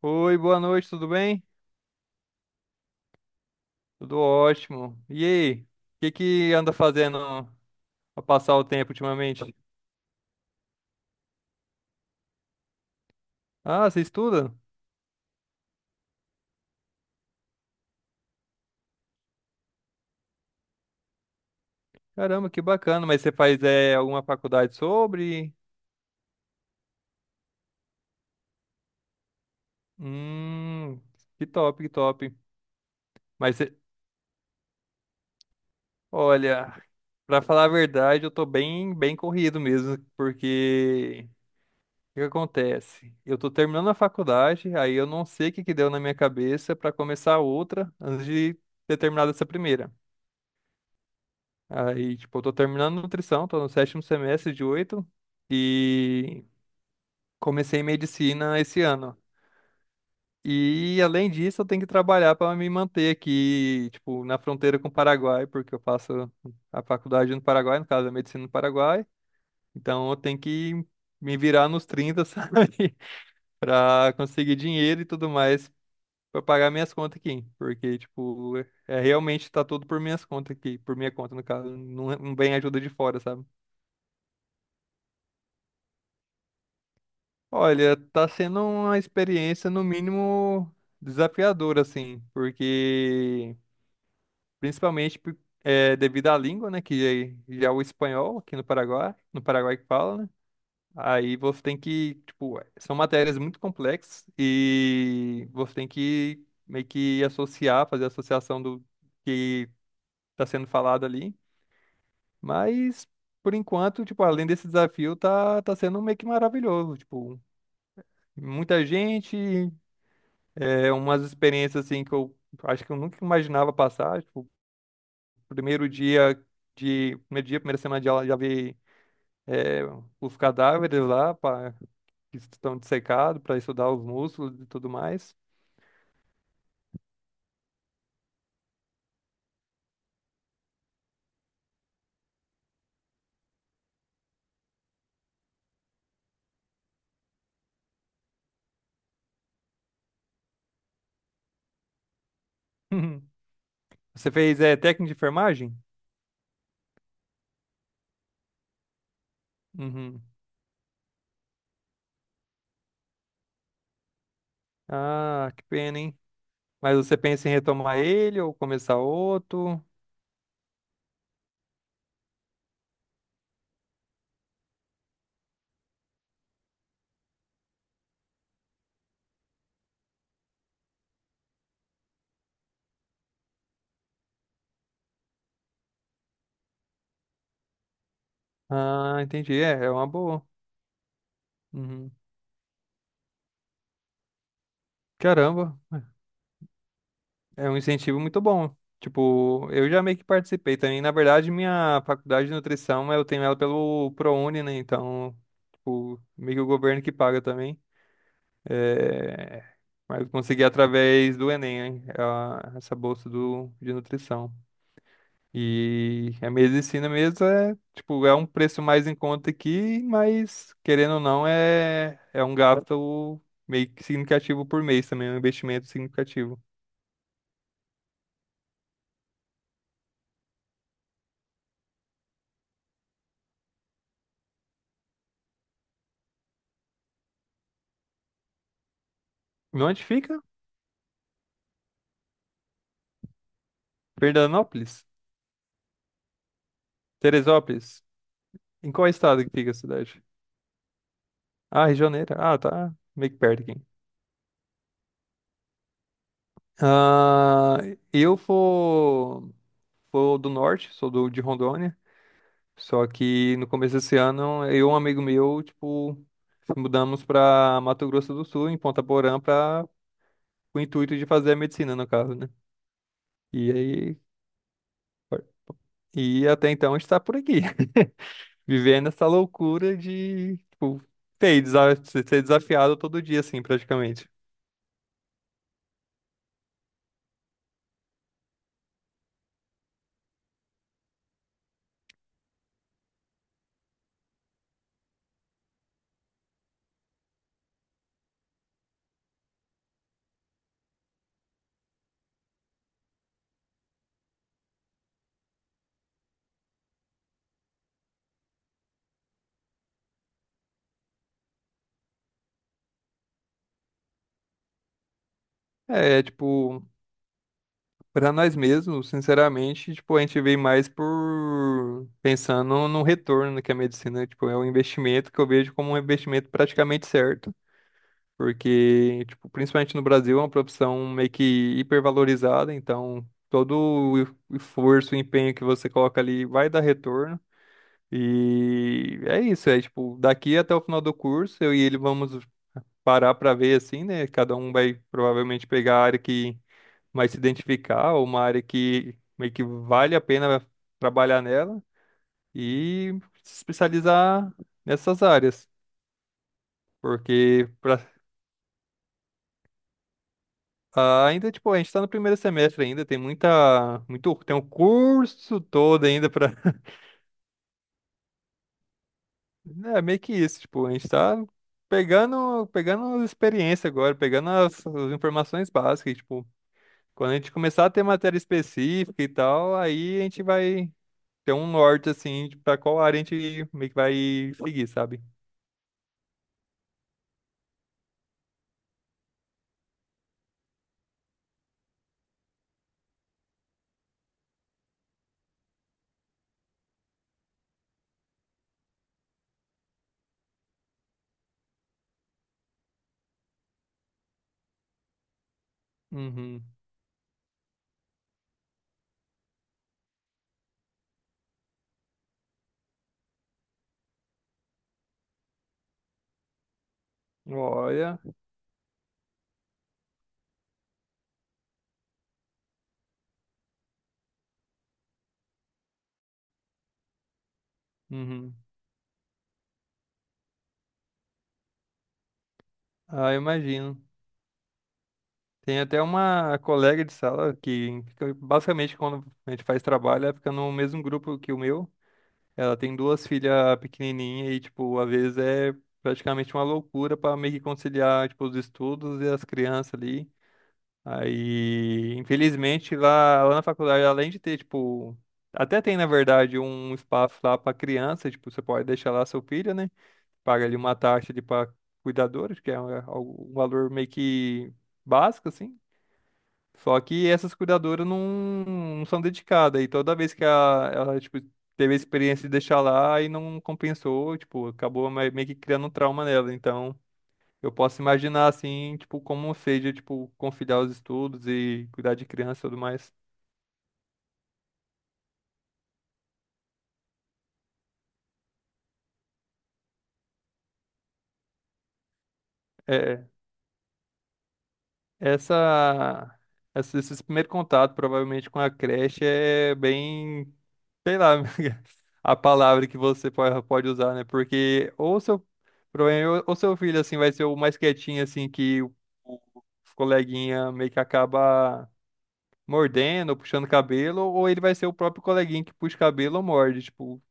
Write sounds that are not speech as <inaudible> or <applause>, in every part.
Oi, boa noite, tudo bem? Tudo ótimo. E aí, o que que anda fazendo pra passar o tempo ultimamente? Ah, você estuda? Caramba, que bacana. Mas você faz alguma faculdade sobre? Hum, que top, que top. Mas você, olha, pra falar a verdade, eu tô bem, bem corrido mesmo, porque o que que acontece? Eu tô terminando a faculdade, aí eu não sei o que que deu na minha cabeça pra começar outra antes de ter terminado essa primeira. Aí, tipo, eu tô terminando nutrição, tô no sétimo semestre de oito e comecei medicina esse ano. E além disso, eu tenho que trabalhar para me manter aqui, tipo, na fronteira com o Paraguai, porque eu faço a faculdade no Paraguai, no caso, a medicina no Paraguai. Então, eu tenho que me virar nos 30 <laughs> sabe? Para conseguir dinheiro e tudo mais para pagar minhas contas aqui, porque tipo, realmente tá tudo por minhas contas aqui, por minha conta no caso, não, não vem ajuda de fora, sabe? Olha, tá sendo uma experiência no mínimo desafiadora, assim, porque principalmente por- é, devido à língua, né, que já é o espanhol aqui no Paraguai, no Paraguai que fala, né? Aí você tem que, tipo, é, são matérias muito complexas e você tem que meio que associar, fazer associação do que tá sendo falado ali. Mas por enquanto, tipo, além desse desafio, tá sendo meio que maravilhoso, tipo, muita gente. É umas experiências assim que eu acho que eu nunca imaginava passar. Tipo, primeiro dia Primeiro dia, primeira semana de aula, já vi é, os cadáveres lá pra, que estão dissecados para estudar os músculos e tudo mais. <laughs> Você fez técnica de enfermagem? Uhum. Ah, que pena, hein? Mas você pensa em retomar ele ou começar outro? Ah, entendi. É, é uma boa. Uhum. Caramba. É um incentivo muito bom. Tipo, eu já meio que participei também. Na verdade, minha faculdade de nutrição, eu tenho ela pelo ProUni, né? Então, tipo, meio que o governo que paga também. É... Mas eu consegui através do Enem, hein? Essa bolsa do... de nutrição. E a medicina mesmo é, tipo, é um preço mais em conta aqui, mas querendo ou não, é um gasto meio que significativo por mês também, é um investimento significativo. E onde fica? Fernandópolis? Teresópolis? Em qual estado que fica a cidade? Ah, Rio de Janeiro. Ah, tá meio que perto aqui. Ah, eu vou, vou do norte, sou do, de Rondônia. Só que no começo desse ano, eu e um amigo meu, tipo, se mudamos para Mato Grosso do Sul, em Ponta Porã, para o intuito de fazer a medicina, no caso, né? E aí, e até então a gente tá por aqui, <laughs> vivendo essa loucura de, tipo, ser desafiado todo dia, assim, praticamente. É, é, tipo, pra nós mesmos, sinceramente, tipo, a gente vê mais por pensando no retorno que a medicina, tipo, é um investimento que eu vejo como um investimento praticamente certo, porque, tipo, principalmente no Brasil é uma profissão meio que hipervalorizada, então todo o esforço, o empenho que você coloca ali vai dar retorno. E é isso, é tipo, daqui até o final do curso, eu e ele vamos parar para ver assim, né? Cada um vai provavelmente pegar a área que mais se identificar, ou uma área que meio que vale a pena trabalhar nela e se especializar nessas áreas. Porque pra- ah, ainda, tipo, a gente está no primeiro semestre ainda, tem muita, muito, tem um curso todo ainda para, <laughs> é meio que isso, tipo, a gente está pegando, pegando as experiências agora, pegando as, as informações básicas, tipo, quando a gente começar a ter matéria específica e tal, aí a gente vai ter um norte, assim, de pra qual área a gente meio que vai seguir, sabe? Uhum. Olha. Uhum. Ah, eu imagino. Tem até uma colega de sala que fica, basicamente, quando a gente faz trabalho, ela fica no mesmo grupo que o meu. Ela tem duas filhas pequenininhas e, tipo, às vezes é praticamente uma loucura pra meio que conciliar, tipo, os estudos e as crianças ali. Aí, infelizmente, lá na faculdade, além de ter, tipo, até tem, na verdade, um espaço lá para criança, tipo, você pode deixar lá seu filho, né? Paga ali uma taxa ali para cuidadores, que é um valor meio que básico, assim. Só que essas cuidadoras não são dedicadas. E toda vez ela, tipo, teve a experiência de deixar lá e não compensou, tipo, meio que criando um trauma nela. Então. Eu posso imaginar assim, tipo, como seja, tipo, conciliar os estudos e cuidar de criança e tudo mais. É, essa, esse primeiro contato, provavelmente, com a creche é bem, sei lá, <laughs> a palavra que pode usar, né? Provavelmente, ou seu filho, assim, vai ser o mais quietinho, assim, o coleguinha meio que acaba mordendo, ou puxando cabelo, ou ele vai ser o próprio coleguinha que puxa cabelo ou morde, tipo.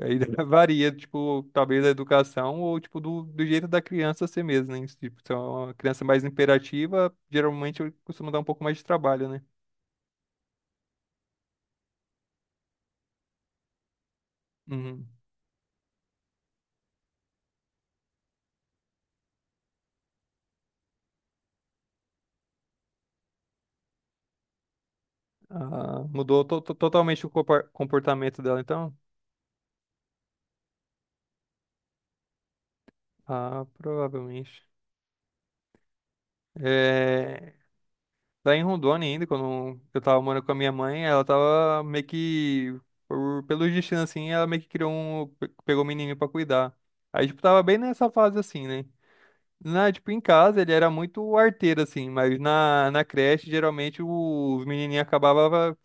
Aí <laughs> varia, tipo, talvez da educação ou, tipo, do jeito da criança ser mesmo, né? Tipo, se é uma criança mais imperativa, geralmente costuma dar um pouco mais de trabalho, né? Uhum. Ah, totalmente o comportamento dela, então? Ah, provavelmente. É... Lá em Rondônia ainda, quando eu tava morando com a minha mãe, ela tava meio que, por, pelo destino assim, ela meio que pegou um menininho pra cuidar. Aí, tipo, tava bem nessa fase assim, né? Na, tipo, em casa ele era muito arteiro, assim, mas na, na creche, geralmente, os menininhos acabavam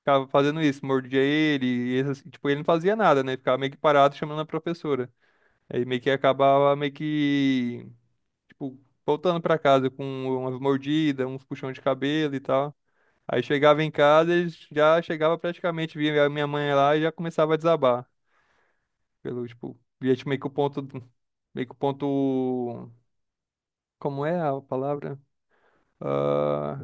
ficava fazendo isso, mordia ele, e tipo, ele não fazia nada, né? Ficava meio que parado chamando a professora. Aí meio que acabava meio que, tipo, voltando pra casa com umas mordidas, uns puxões de cabelo e tal. Aí chegava em casa, ele já chegava praticamente, via a minha mãe lá e já começava a desabar. Pelo, tipo, via tipo, meio que o ponto, meio que o ponto, como é a palavra? Ah,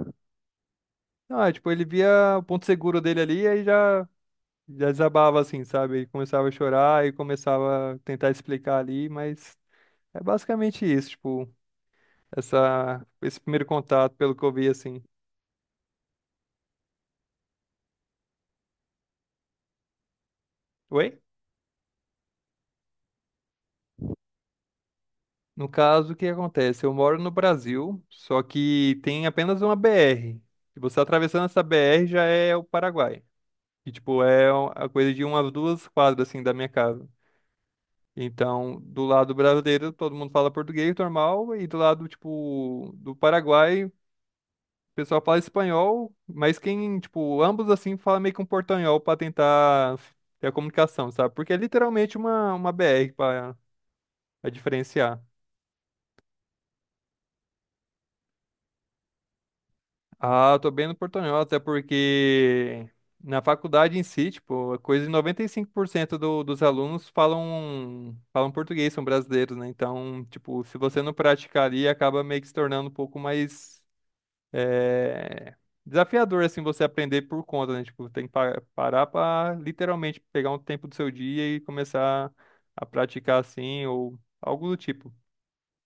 Ah, tipo, ele via o ponto seguro dele ali e aí já, já desabava, assim, sabe? E começava a chorar e começava a tentar explicar ali, mas é basicamente isso, tipo, esse primeiro contato, pelo que eu vi, assim. Oi? No caso, o que acontece? Eu moro no Brasil, só que tem apenas uma BR. E você atravessando essa BR já é o Paraguai. E, tipo, é uma- a coisa de umas duas quadras, assim, da minha casa. Então, do lado brasileiro, todo mundo fala português normal, e do lado, tipo, do Paraguai, o pessoal fala espanhol, mas quem, tipo, ambos assim fala meio que um portanhol pra tentar ter a comunicação, sabe? Porque é literalmente uma BR pra diferenciar. Ah, eu tô bem no portanhol, até porque na faculdade em si, tipo, é coisa de 95% do, dos alunos falam, falam português, são brasileiros, né? Então, tipo, se você não praticar ali, acaba meio que se tornando um pouco mais é desafiador, assim, você aprender por conta, né? Tipo, tem que parar pra literalmente pegar um tempo do seu dia e começar a praticar assim, ou algo do tipo.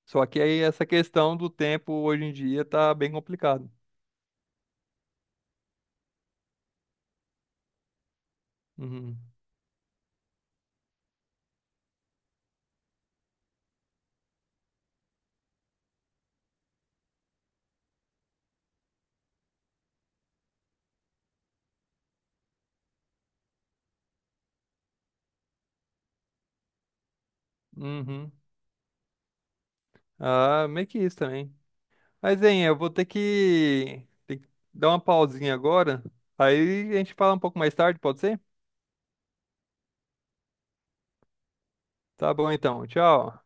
Só que aí essa questão do tempo hoje em dia tá bem complicado. Uhum. Uhum. Ah, meio que isso também. Mas, hein, eu vou ter que dar uma pausinha agora. Aí a gente fala um pouco mais tarde, pode ser? Tá bom então, tchau.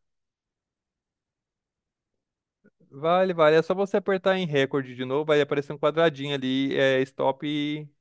Vale, vale. É só você apertar em recorde de novo, vai aparecer um quadradinho ali, é, stop e